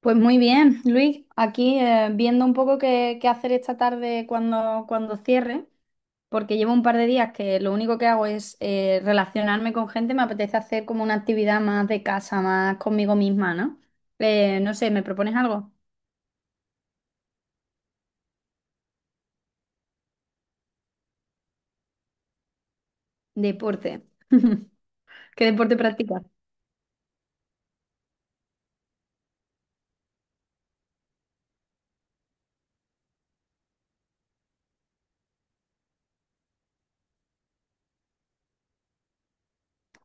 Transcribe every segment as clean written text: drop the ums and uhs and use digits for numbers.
Pues muy bien, Luis, aquí viendo un poco qué hacer esta tarde cuando cierre, porque llevo un par de días que lo único que hago es relacionarme con gente, me apetece hacer como una actividad más de casa, más conmigo misma, ¿no? No sé, ¿me propones algo? Deporte. ¿Qué deporte practicas?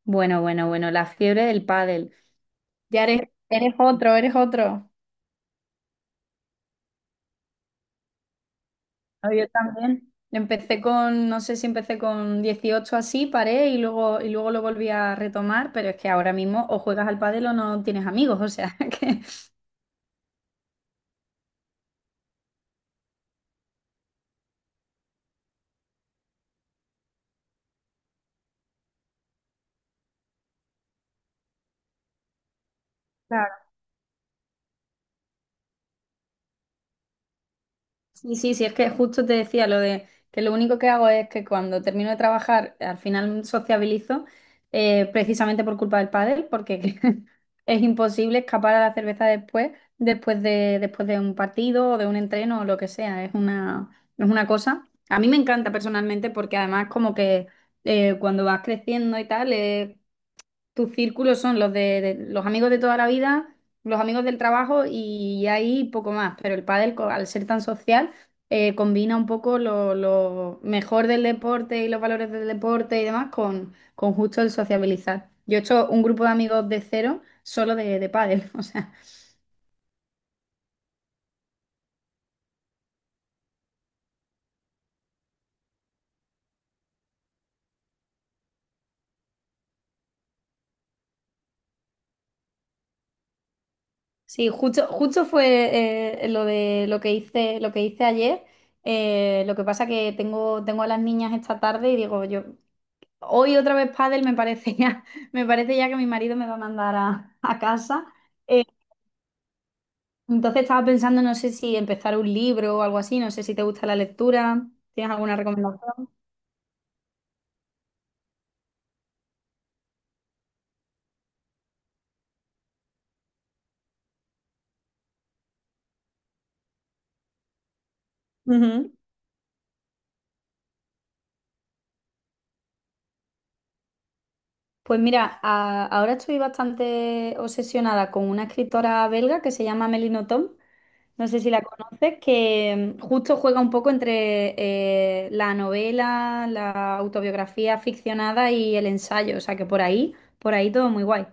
Bueno, bueno, bueno, la fiebre del pádel. Ya eres otro, eres otro. No, yo también. No sé si empecé con 18 así, paré y luego lo volví a retomar, pero es que ahora mismo o juegas al pádel o no tienes amigos, o sea que... Sí, sí, sí, es que justo te decía lo de que lo único que hago es que cuando termino de trabajar, al final sociabilizo, precisamente por culpa del pádel, porque es imposible escapar a la cerveza después de un partido o de un entreno o lo que sea. Es una cosa. A mí me encanta personalmente porque además como que cuando vas creciendo y tal, es tus círculos son los los amigos de toda la vida, los amigos del trabajo y ahí poco más. Pero el pádel, al ser tan social, combina un poco lo mejor del deporte y los valores del deporte y demás con justo el sociabilizar. Yo he hecho un grupo de amigos de cero solo de pádel, o sea. Sí, justo fue lo que hice ayer. Lo que pasa que tengo a las niñas esta tarde y digo, yo hoy otra vez pádel me parece ya, me parece ya que mi marido me va a mandar a casa. Eh, entonces estaba pensando, no sé si empezar un libro o algo así, no sé si te gusta la lectura, ¿tienes alguna recomendación? Ujú. Pues mira, ahora estoy bastante obsesionada con una escritora belga que se llama Melino Tom, no sé si la conoces, que justo juega un poco entre la novela, la autobiografía ficcionada y el ensayo, o sea que por ahí todo muy guay.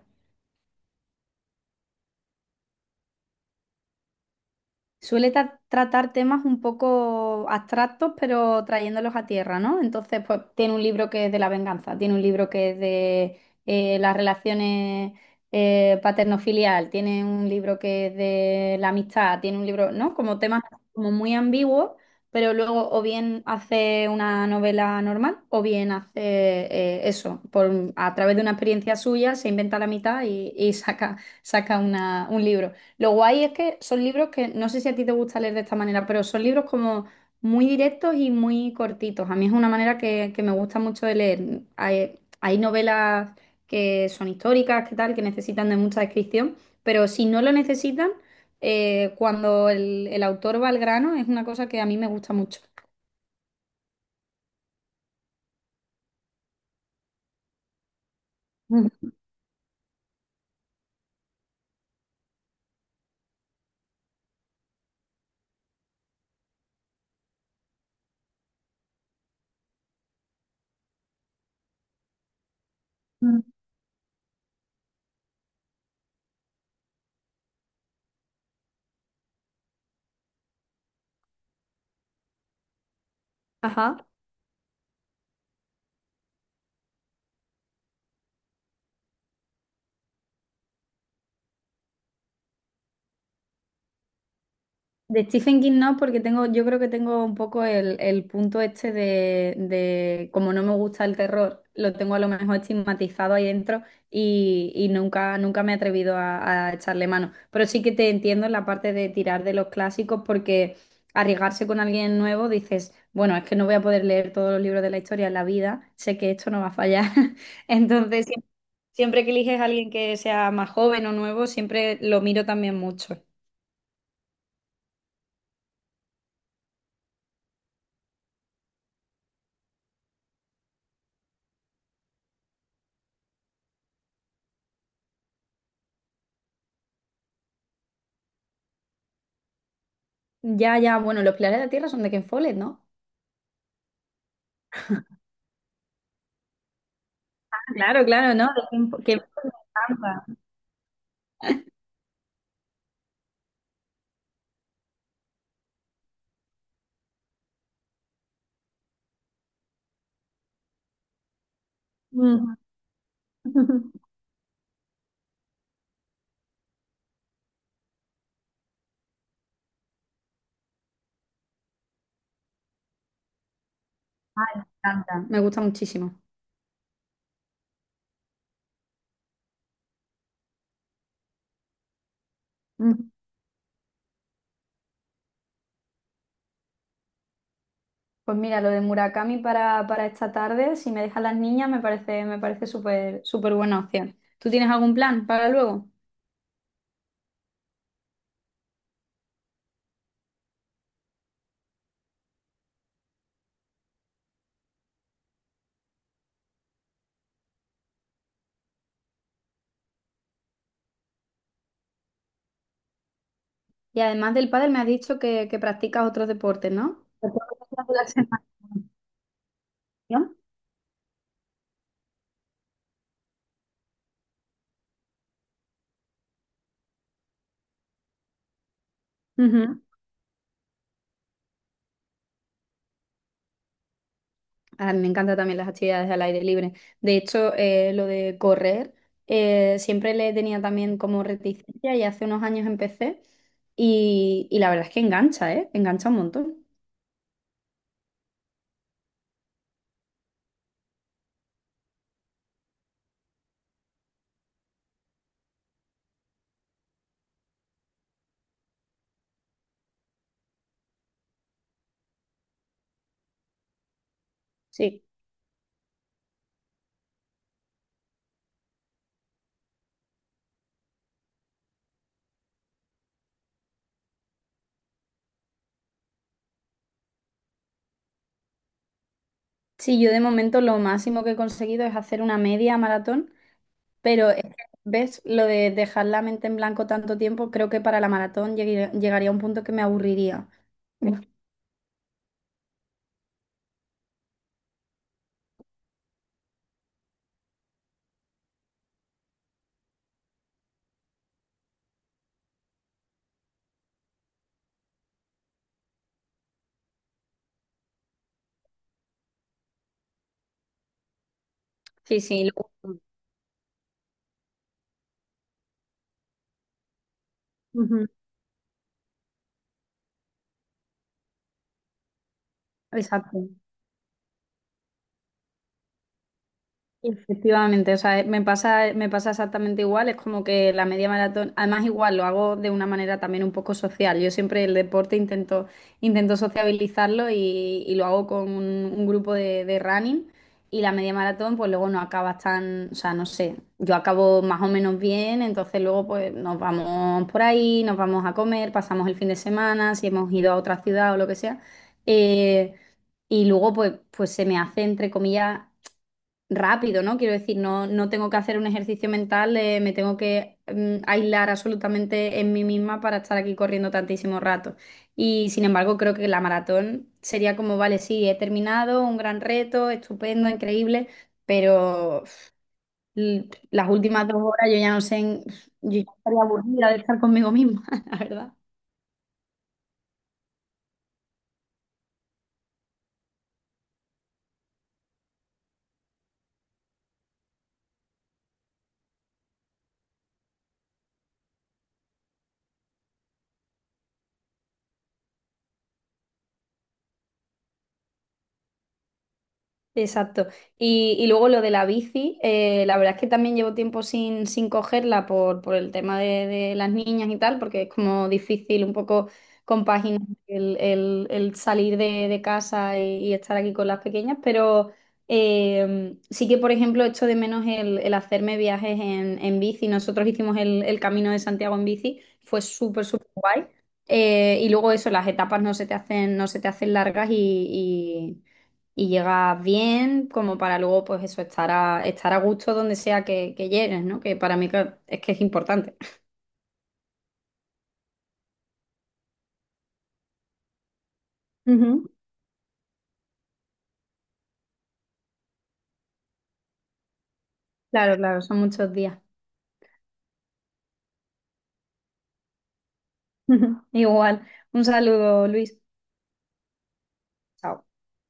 Suele tratar temas un poco abstractos, pero trayéndolos a tierra, ¿no? Entonces, pues tiene un libro que es de la venganza, tiene un libro que es de las relaciones paterno-filial, tiene un libro que es de la amistad, tiene un libro, ¿no? Como temas como muy ambiguos, pero luego o bien hace una novela normal o bien hace eso, a través de una experiencia suya se inventa la mitad y saca un libro. Lo guay es que son libros que no sé si a ti te gusta leer de esta manera, pero son libros como muy directos y muy cortitos. A mí es una manera que me gusta mucho de leer. Hay novelas que son históricas, que tal, que necesitan de mucha descripción, pero si no lo necesitan, cuando el autor va al grano, es una cosa que a mí me gusta mucho. Ujú. Ajá. De Stephen King no, porque yo creo que tengo un poco el punto este como no me gusta el terror, lo tengo a lo mejor estigmatizado ahí dentro y nunca me he atrevido a echarle mano. Pero sí que te entiendo en la parte de tirar de los clásicos, porque arriesgarse con alguien nuevo dices, bueno, es que no voy a poder leer todos los libros de la historia en la vida, sé que esto no va a fallar. Entonces, siempre que eliges a alguien que sea más joven o nuevo, siempre lo miro también mucho. Ya, ya, bueno, Los Pilares de la Tierra son de Ken Follett, ¿no? Ah, claro, claro, no, de Ken Follett me encanta. Mm. Ay, me encanta. Me gusta muchísimo. Mm. Pues mira, lo de Murakami para esta tarde, si me dejan las niñas, me parece súper, súper buena opción. ¿Tú tienes algún plan para luego? Y además del pádel, me has dicho que practicas otros deportes, ¿no? Te puedo la semana, ¿no? Ujú. Ah, me encantan también las actividades al aire libre. De hecho, lo de correr, siempre le tenía también como reticencia y hace unos años empecé y la verdad es que engancha, ¿eh? Engancha un montón. Sí. Sí, yo de momento lo máximo que he conseguido es hacer una media maratón, pero es que, ¿ves? Lo de dejar la mente en blanco tanto tiempo, creo que para la maratón llegaría a un punto que me aburriría. Uf. Sí, sí. Ujú. Exacto. Efectivamente, o sea, me pasa exactamente igual, es como que la media maratón, además igual lo hago de una manera también un poco social, yo siempre el deporte intento sociabilizarlo y lo hago con un grupo de running y la media maratón pues luego no acabas tan, o sea, no sé, yo acabo más o menos bien, entonces luego pues nos vamos por ahí, nos vamos a comer, pasamos el fin de semana, si hemos ido a otra ciudad o lo que sea. Eh, y luego, pues se me hace, entre comillas, rápido, ¿no? Quiero decir, no tengo que hacer un ejercicio mental, me tengo que aislar absolutamente en mí misma para estar aquí corriendo tantísimo rato. Y sin embargo, creo que la maratón sería como, vale, sí, he terminado, un gran reto, estupendo, increíble, pero uf, las últimas 2 horas yo ya no sé, yo ya estaría aburrida de estar conmigo misma, la verdad. Exacto. Y luego lo de la bici, la verdad es que también llevo tiempo sin cogerla por el tema de las niñas y tal, porque es como difícil un poco compaginar el salir de casa y estar aquí con las pequeñas, pero sí que, por ejemplo, echo de menos el hacerme viajes en bici. Nosotros hicimos el Camino de Santiago en bici, fue súper, súper guay. Y luego eso, las etapas no se te hacen largas y llegas bien, como para luego, pues eso, estar a gusto donde sea que llegues, ¿no? Que para mí es que es importante. Ujú. Claro, claro, son muchos días. Igual. Un saludo, Luis. Chao.